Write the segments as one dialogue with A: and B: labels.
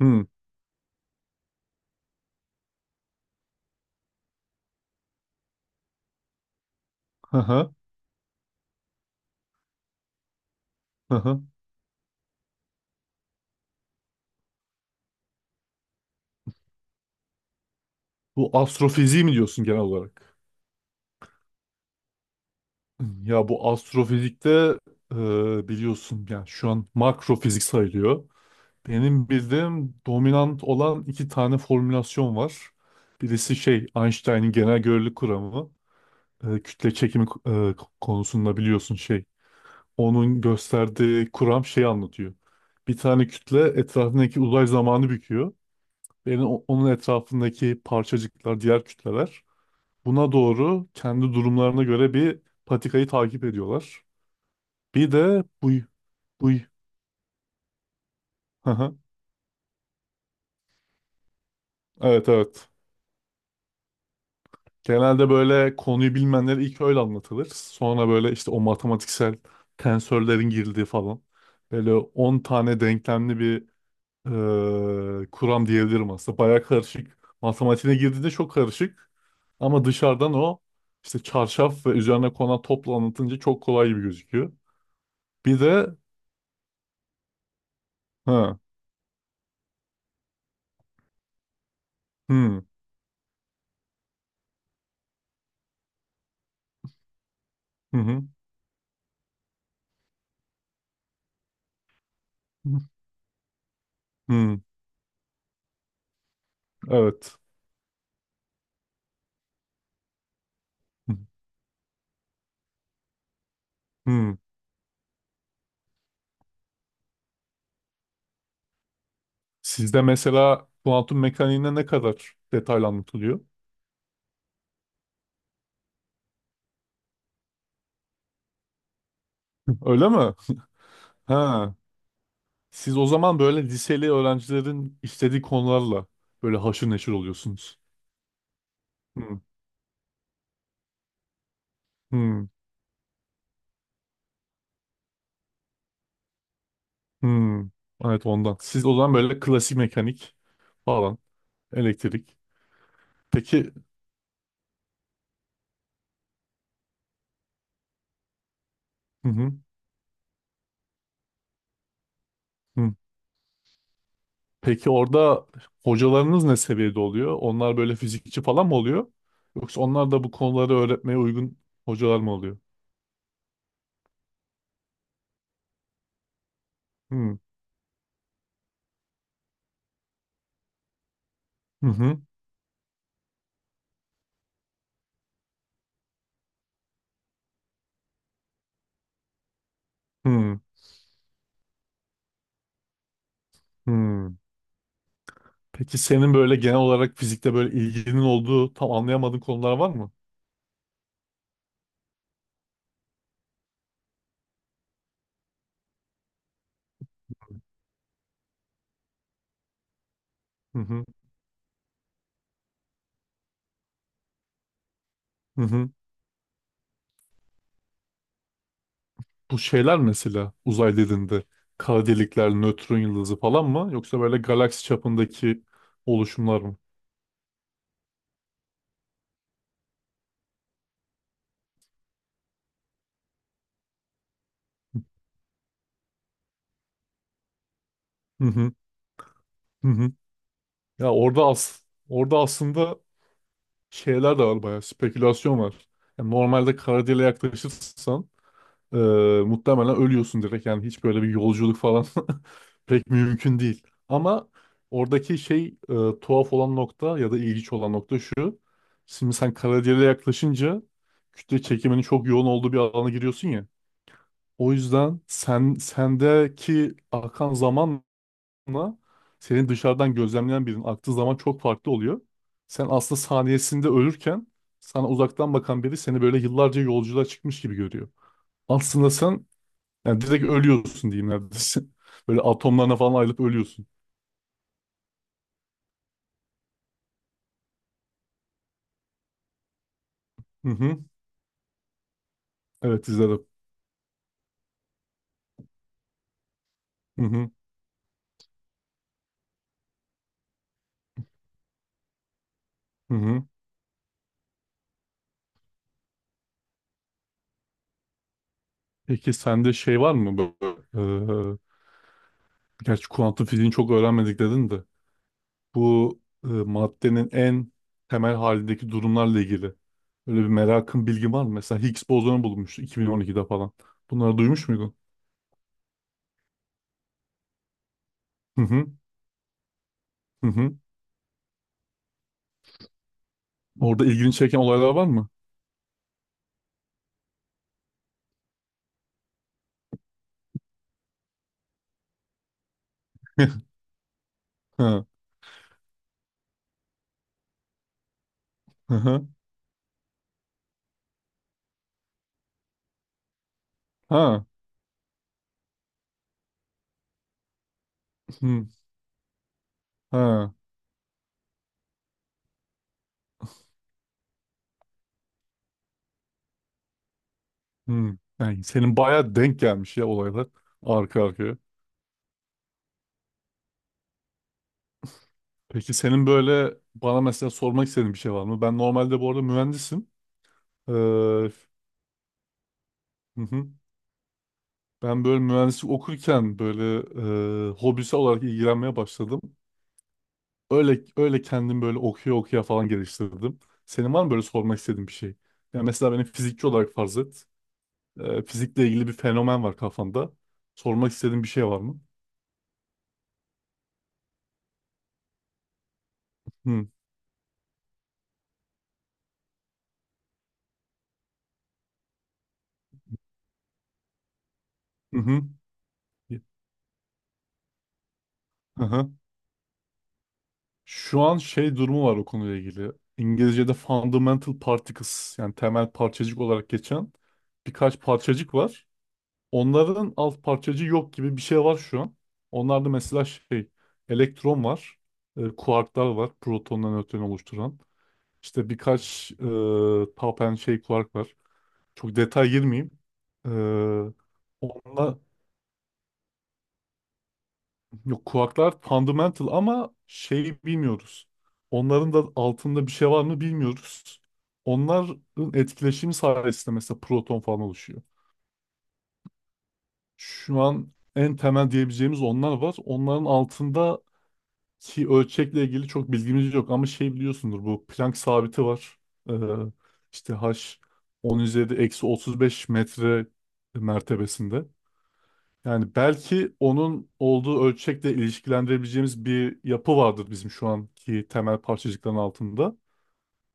A: Hı, hı hı, hı hı. Bu astrofiziği mi diyorsun genel olarak? Ya bu astrofizikte biliyorsun yani şu an makrofizik sayılıyor. Benim bildiğim dominant olan iki tane formülasyon var. Birisi şey Einstein'in genel görelilik kuramı. Kütle çekimi konusunda biliyorsun şey. Onun gösterdiği kuram şey anlatıyor. Bir tane kütle etrafındaki uzay zamanı büküyor. Benim onun etrafındaki parçacıklar, diğer kütleler buna doğru kendi durumlarına göre bir patikayı takip ediyorlar. Bir de buy buy. Haha. Evet evet. Genelde böyle konuyu bilmeyenlere ilk öyle anlatılır. Sonra böyle işte o matematiksel tensörlerin girdiği falan. Böyle 10 tane denklemli bir kuram diyebilirim aslında. Baya karışık. Matematiğine girdiğinde çok karışık. Ama dışarıdan o işte çarşaf ve üzerine konan topla anlatınca çok kolay gibi gözüküyor. Bir de ha, hmm, hı hı. Hmm, evet. Hmm. Sizde mesela kuantum mekaniğine ne kadar detaylı anlatılıyor? Öyle mi? Ha. Siz o zaman böyle liseli öğrencilerin istediği konularla böyle haşır neşir oluyorsunuz. Hmm, hmm, hmm. Evet ondan. Siz o zaman böyle klasik mekanik falan, elektrik. Peki, hı hı, hı. Peki orada hocalarınız ne seviyede oluyor? Onlar böyle fizikçi falan mı oluyor? Yoksa onlar da bu konuları öğretmeye uygun hocalar mı oluyor? Hmm. Hı hı. Hı hı. Peki senin böyle genel olarak fizikte böyle ilginin olduğu tam anlayamadığın konular var mı? Hı hı. Hı hı. Bu şeyler mesela uzay dediğinde kara delikler, nötron yıldızı falan mı yoksa böyle galaksi çapındaki oluşumlar mı? Hı hı. Hı hı. Ya orada aslında şeyler de var, bayağı spekülasyon var. Yani normalde kara deliğe yaklaşırsan Ee, muhtemelen ölüyorsun direkt, yani hiç böyle bir yolculuk falan pek mümkün değil. Ama oradaki şey tuhaf olan nokta ya da ilginç olan nokta şu. Şimdi sen karadiğere yaklaşınca kütle çekiminin çok yoğun olduğu bir alana giriyorsun ya. O yüzden sen sendeki akan zamanla senin dışarıdan gözlemleyen birinin aktığı zaman çok farklı oluyor. Sen aslında saniyesinde ölürken sana uzaktan bakan biri seni böyle yıllarca yolculuğa çıkmış gibi görüyor. Aslında sen yani direkt ölüyorsun diyeyim neredeyse. Böyle atomlarına falan ayrılıp ölüyorsun. Hı hı. Evet, izledim. Hı hı. Hı hı. Peki sende şey var mı böyle? Gerçi kuantum fiziğini çok öğrenmedik dedin de. Bu maddenin en temel halindeki durumlarla ilgili. Böyle bir merakın, bilgin var mı? Mesela Higgs bozonu bulunmuştu 2012'de falan. Bunları duymuş muydun? Hı hı. Hı hı. Orada ilgini çeken olaylar var mı? Ha. Hı hı. Ha. Hı. Ha. Hmm. Yani senin bayağı denk gelmiş ya olaylar arka arkaya. Peki senin böyle bana mesela sormak istediğin bir şey var mı? Ben normalde bu arada mühendisim. Hı hı. Ben böyle mühendislik okurken böyle hobisi olarak ilgilenmeye başladım. Öyle öyle kendim böyle okuya okuya falan geliştirdim. Senin var mı böyle sormak istediğin bir şey? Yani mesela benim fizikçi olarak farz et. Fizikle ilgili bir fenomen var kafanda. Sormak istediğin bir şey var mı? Hı hı. Hı hı. Şu an şey durumu var o konuyla ilgili. İngilizce'de fundamental particles yani temel parçacık olarak geçen birkaç parçacık var. Onların alt parçacığı yok gibi bir şey var şu an. Onlarda mesela şey elektron var, kuarklar var, protonla nötronu oluşturan. İşte birkaç tau pençe şey kuark var. Çok detay girmeyeyim. E, onunla Yok, kuaklar fundamental ama şey bilmiyoruz. Onların da altında bir şey var mı bilmiyoruz. Onların etkileşimi sayesinde mesela proton falan oluşuyor. Şu an en temel diyebileceğimiz onlar var. Onların altındaki ölçekle ilgili çok bilgimiz yok ama şey biliyorsundur, bu Planck sabiti var. Ee, işte H 10 üzeri eksi 35 metre mertebesinde. Yani belki onun olduğu ölçekle ilişkilendirebileceğimiz bir yapı vardır bizim şu anki temel parçacıkların altında.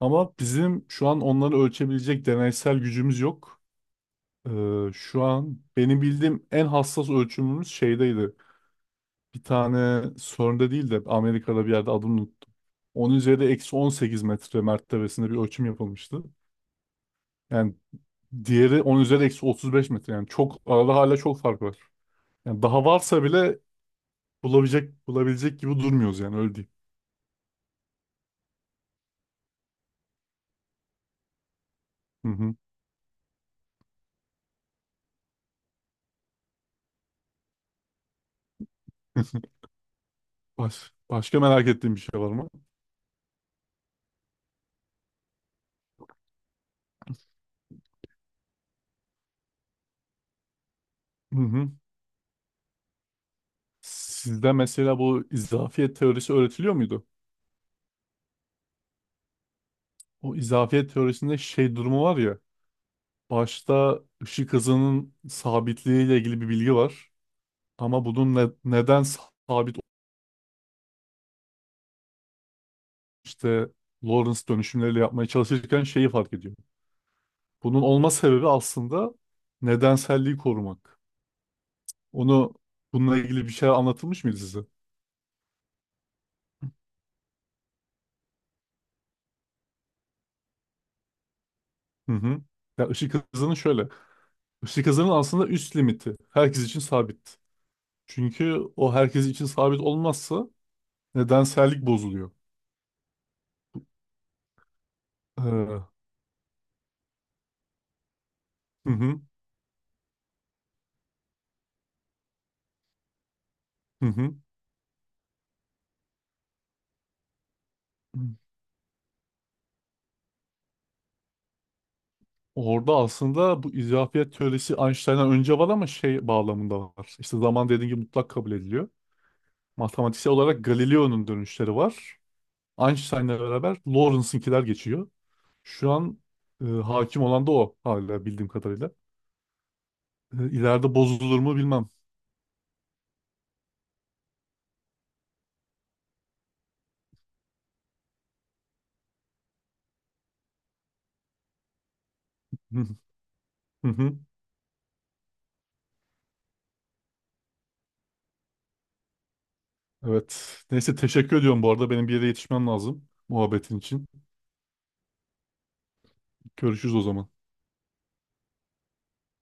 A: Ama bizim şu an onları ölçebilecek deneysel gücümüz yok. Ee, Şu an benim bildiğim en hassas ölçümümüz şeydeydi. Bir tane CERN'de değil de Amerika'da bir yerde, adını unuttum. Onun üzeri eksi 18 metre mertebesinde bir ölçüm yapılmıştı. Yani diğeri 10 üzeri eksi 35 metre. Yani çok arada hala çok fark var. Yani daha varsa bile bulabilecek gibi durmuyoruz, yani öyle diyeyim. Hı hı. Başka merak ettiğim bir şey var mı? Hı hı. Sizde mesela bu izafiyet teorisi öğretiliyor muydu? O izafiyet teorisinde şey durumu var ya. Başta ışık hızının sabitliği ile ilgili bir bilgi var. Ama bunun neden sabit işte Lorentz dönüşümleriyle yapmaya çalışırken şeyi fark ediyor. Bunun olma sebebi aslında nedenselliği korumak. Onu, bununla ilgili bir şey anlatılmış mıydı size? Hı hı. Ya ışık hızının şöyle. Işık hızının aslında üst limiti herkes için sabit. Çünkü o herkes için sabit olmazsa nedensellik bozuluyor. Hı hı, hı hı. Orada aslında bu izafiyet teorisi Einstein'dan önce var ama şey bağlamında var. İşte zaman dediğim gibi mutlak kabul ediliyor. Matematiksel olarak Galileo'nun dönüşleri var. Einstein'la beraber Lorentz*inkiler geçiyor. Şu an hakim olan da o hala, bildiğim kadarıyla. İleride bozulur mu bilmem. Evet. Neyse, teşekkür ediyorum bu arada. Benim bir yere yetişmem lazım, muhabbetin için. Görüşürüz o zaman.